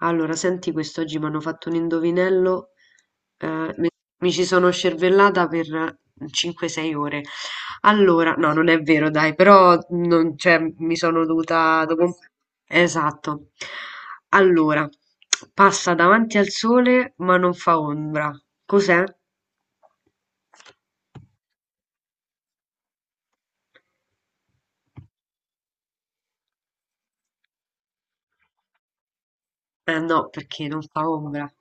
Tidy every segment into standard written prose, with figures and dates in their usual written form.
Allora, senti quest'oggi mi hanno fatto un indovinello, eh, mi mi ci sono scervellata per 5-6 ore. Allora, no, non è vero, dai, però non, cioè, mi sono dovuta... dopo- un- Esatto. Allora, passa davanti al sole ma non fa ombra. Cos'è? Eh no, perché non fa ombra.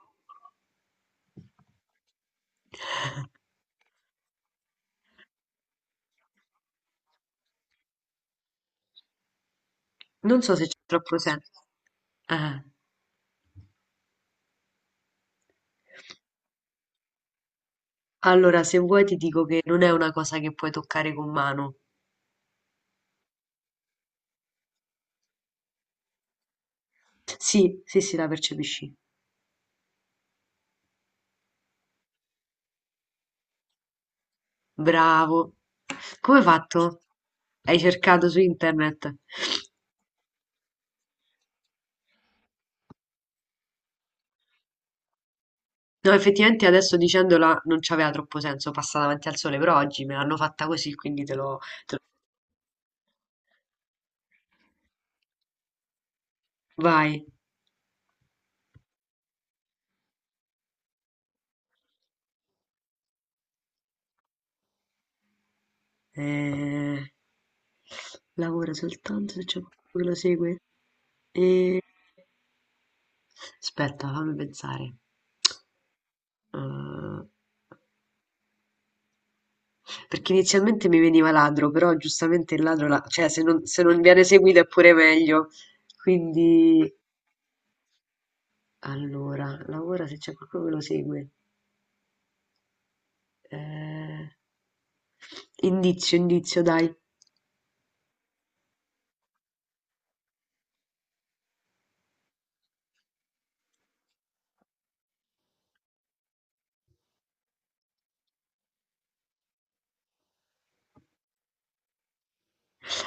Non so se c'è troppo senso. Eh. Allora, se vuoi ti dico che non è una cosa che puoi toccare con mano. Sì, sì, sì, la percepisci. Bravo. Come hai fatto? Hai cercato su internet? No, effettivamente adesso dicendola non c'aveva troppo senso, passa davanti al sole, però oggi me l'hanno fatta così, quindi te lo- Vai. Eh, Lavora soltanto se c'è qualcuno che lo segue. E... Aspetta, fammi pensare. Eh, Perché inizialmente mi veniva ladro, però giustamente il ladro la cioè se non viene seguito è pure meglio. Quindi allora, lavora se c'è qualcuno che lo segue. Ehm, indizio, indizio dai.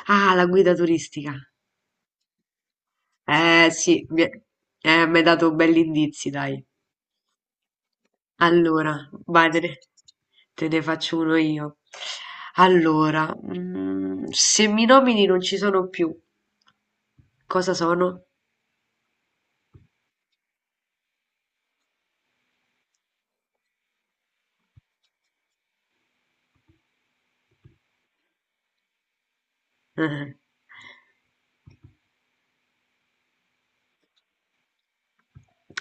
Ah, la guida turistica. Eh sì, mi è m'hai dato belli indizi, dai. Allora, vai, te ne faccio uno io. Allora, mm, se mi nomini non ci sono più, cosa sono?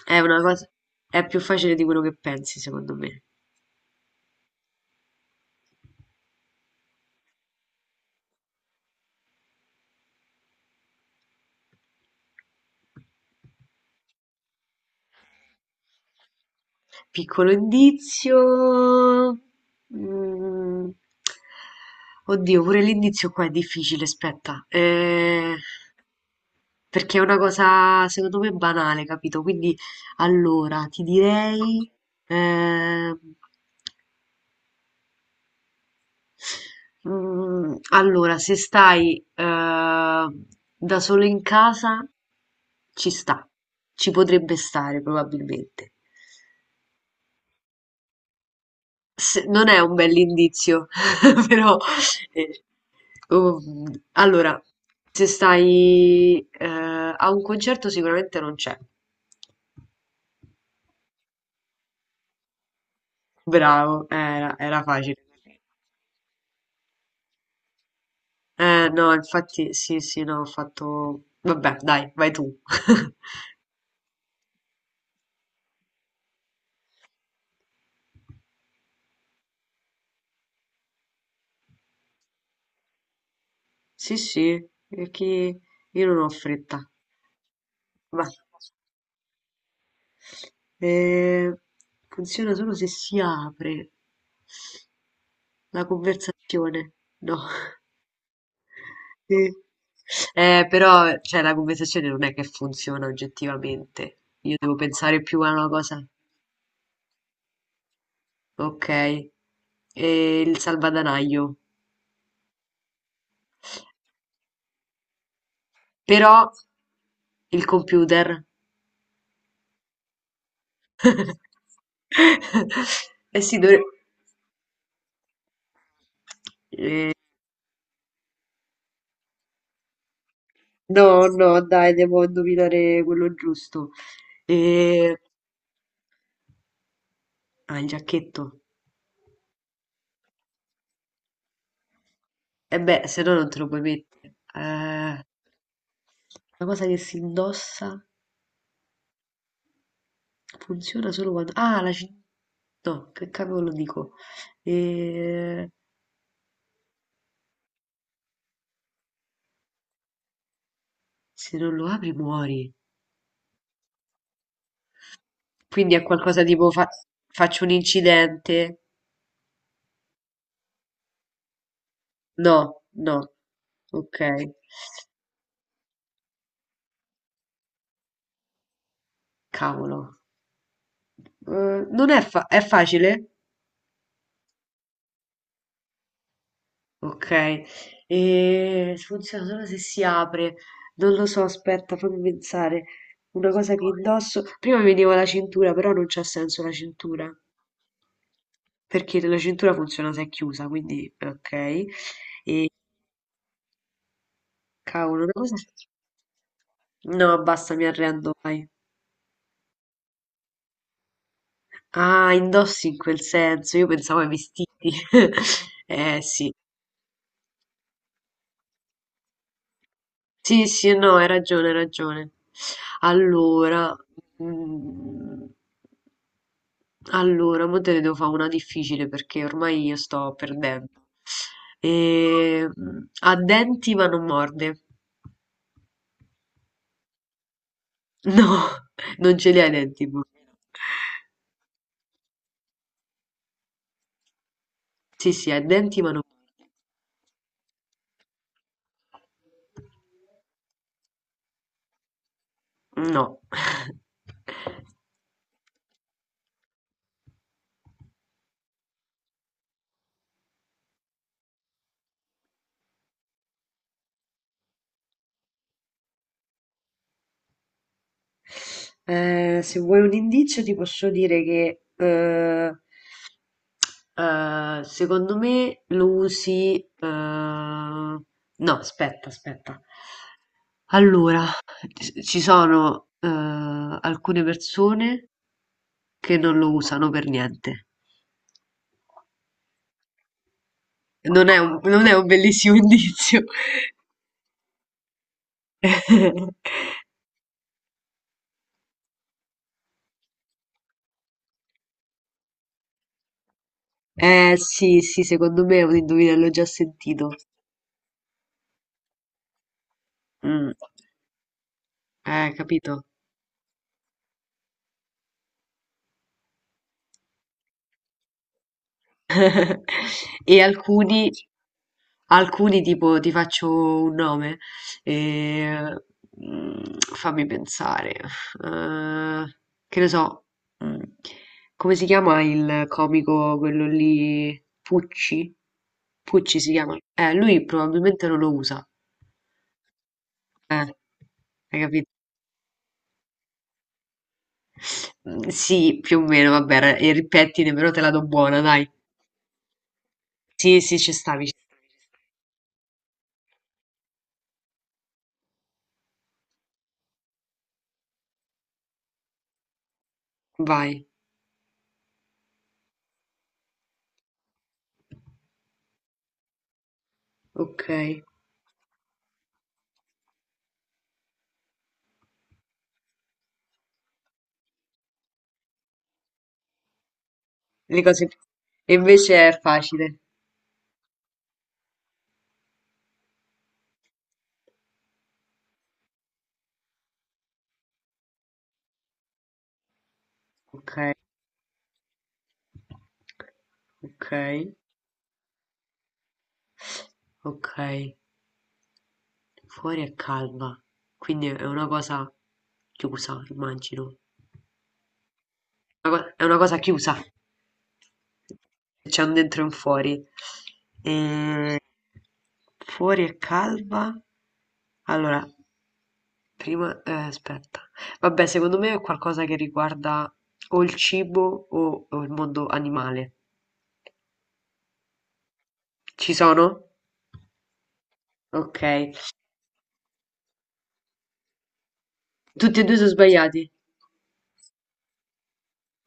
È una cosa è più facile di quello che pensi, secondo me. Piccolo indizio. Mm. Oddio, pure l'indizio qua è difficile, aspetta. Perché è una cosa, secondo me, banale, capito? Quindi, allora, ti direi... ehm, allora, se stai da solo in casa, ci sta. Ci potrebbe stare, probabilmente. S- non è un bell'indizio, però eh, um, allora, se stai a un concerto sicuramente non c'è. Bravo, era, era facile. No, infatti, sì, sì, no, ho fatto... Vabbè, dai, vai tu. Sì, sì, perché io non ho fretta. Va. Eh, funziona solo se si apre la conversazione. No. Sì. Però, cioè, la conversazione non è che funziona oggettivamente. Io devo pensare più a una cosa. Ok. E il salvadanaio. Però il computer. Eh sì, dovre- No, no, dai, devo indovinare quello giusto. E... Ah, il giacchetto. E beh, se no non te lo puoi mettere. Una cosa che si indossa. Funziona solo quando ah, la ci no, che cavolo dico? Ehm, se non lo apri muori. Quindi è qualcosa tipo fa- faccio un incidente? No, no. Ok. Cavolo. Non è, fa- è facile? Ok. E funziona solo se si apre. Non lo so, aspetta, fammi pensare. Una cosa che indosso. Prima mi vedevo la cintura, però non c'ha senso la cintura. Perché la cintura funziona se è chiusa, quindi ok. E cavolo, una cosa... No, basta, mi arrendo, vai. Ah, indossi in quel senso, io pensavo ai vestiti. Eh sì, sì, sì, no, hai ragione, hai ragione. Allora, mm, allora, mo te ne devo fare una difficile perché ormai io sto perdendo. E, mm, ha denti ma non morde. No, non ce li ha i denti. Bu. Sì, sì, ha i denti ma non... No. Se vuoi un indizio ti posso dire che secondo me lo usi... No, aspetta, aspetta. Allora, ci sono alcune persone che non lo usano per niente. Non è un, non è un bellissimo indizio. Eh sì, sì, secondo me è un indovinello già sentito. Mm, capito. E alcuni, alcuni tipo ti faccio un nome. eh, mm, fammi pensare. Eh, che ne so. Mm, come si chiama il comico, quello lì? Pucci? Pucci si chiama. Lui probabilmente non lo usa. Eh, hai capito? Mhmm, sì, più o meno, vabbè, era eri il pettine, però te la do buona, dai. Sì, sì, ci stavi, ci stavi. Vai, ok. Le cose più... E invece è facile. Ok, ok, ok. Fuori è calma, quindi è una cosa chiusa, immagino. Una co- È una cosa chiusa. C'è un dentro e un fuori. E... Fuori è calma. Allora, Prima aspetta. Vabbè, secondo me è qualcosa che riguarda o il cibo o il mondo animale. Ci sono? Ok. Tutti e due sono sbagliati.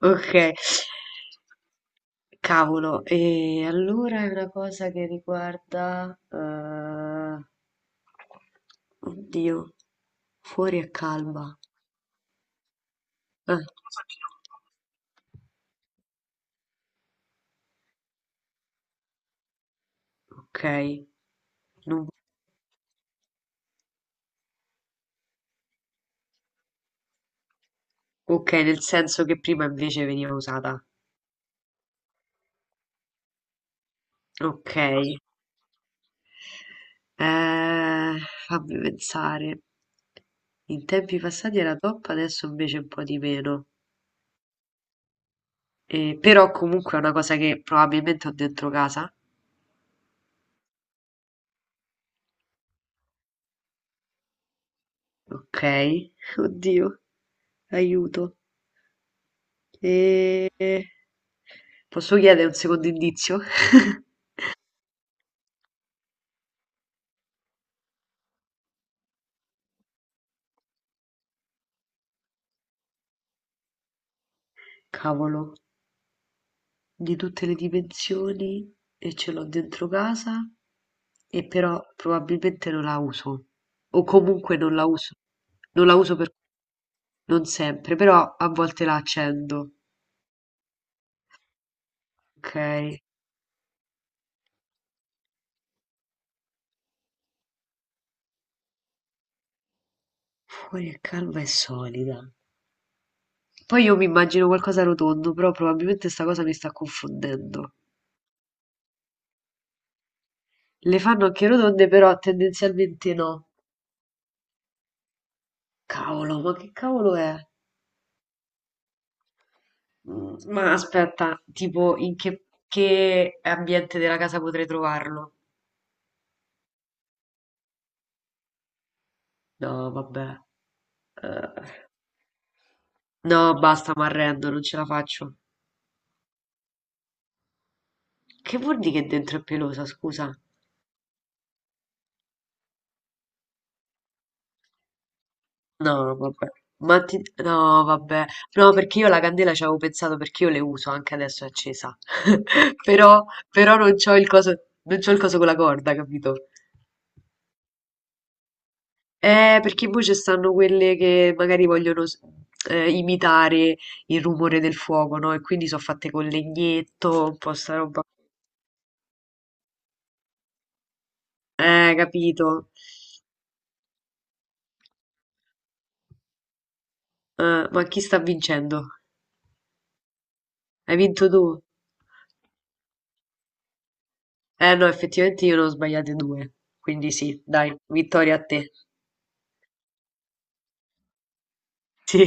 Ok. Cavolo, e allora è una cosa che riguarda... Oddio, fuori è calma. Ah, ok. Non- Ok, nel senso che prima invece veniva usata. Ok. Eh, fammi pensare. In tempi passati era top, adesso invece un po' di meno. Però comunque è una cosa che probabilmente ho dentro casa. Ok, oddio, aiuto. E... Posso chiedere un secondo indizio? Cavolo, di tutte le dimensioni e ce l'ho dentro casa e però probabilmente non la uso. O comunque non la uso. Non la uso per Non sempre, però a volte la accendo. Okay. Fuori è calma e solida. Poi io mi immagino qualcosa rotondo, però probabilmente sta cosa mi sta confondendo. Le fanno anche rotonde, però tendenzialmente no. Cavolo, ma che cavolo è? Mm, Ma aspetta, tipo in che ambiente della casa potrei trovarlo? No, vabbè. Eh, no, basta, mi arrendo, non ce la faccio. Che vuol dire che dentro è pelosa, scusa? No, vabbè. Ma ti... No, vabbè. No, perché io la candela ci avevo pensato perché io le uso, anche adesso è accesa. Però, però non c'ho il coso, non c'ho il coso con la corda, capito? Perché poi ci stanno quelle che magari vogliono s- imitare il rumore del fuoco, no? E quindi sono fatte con legnetto, un po' sta roba. Capito. Ma chi sta vincendo? Hai vinto tu? Eh no, effettivamente io ne ho sbagliate due. Quindi sì, dai, vittoria a te. Sì.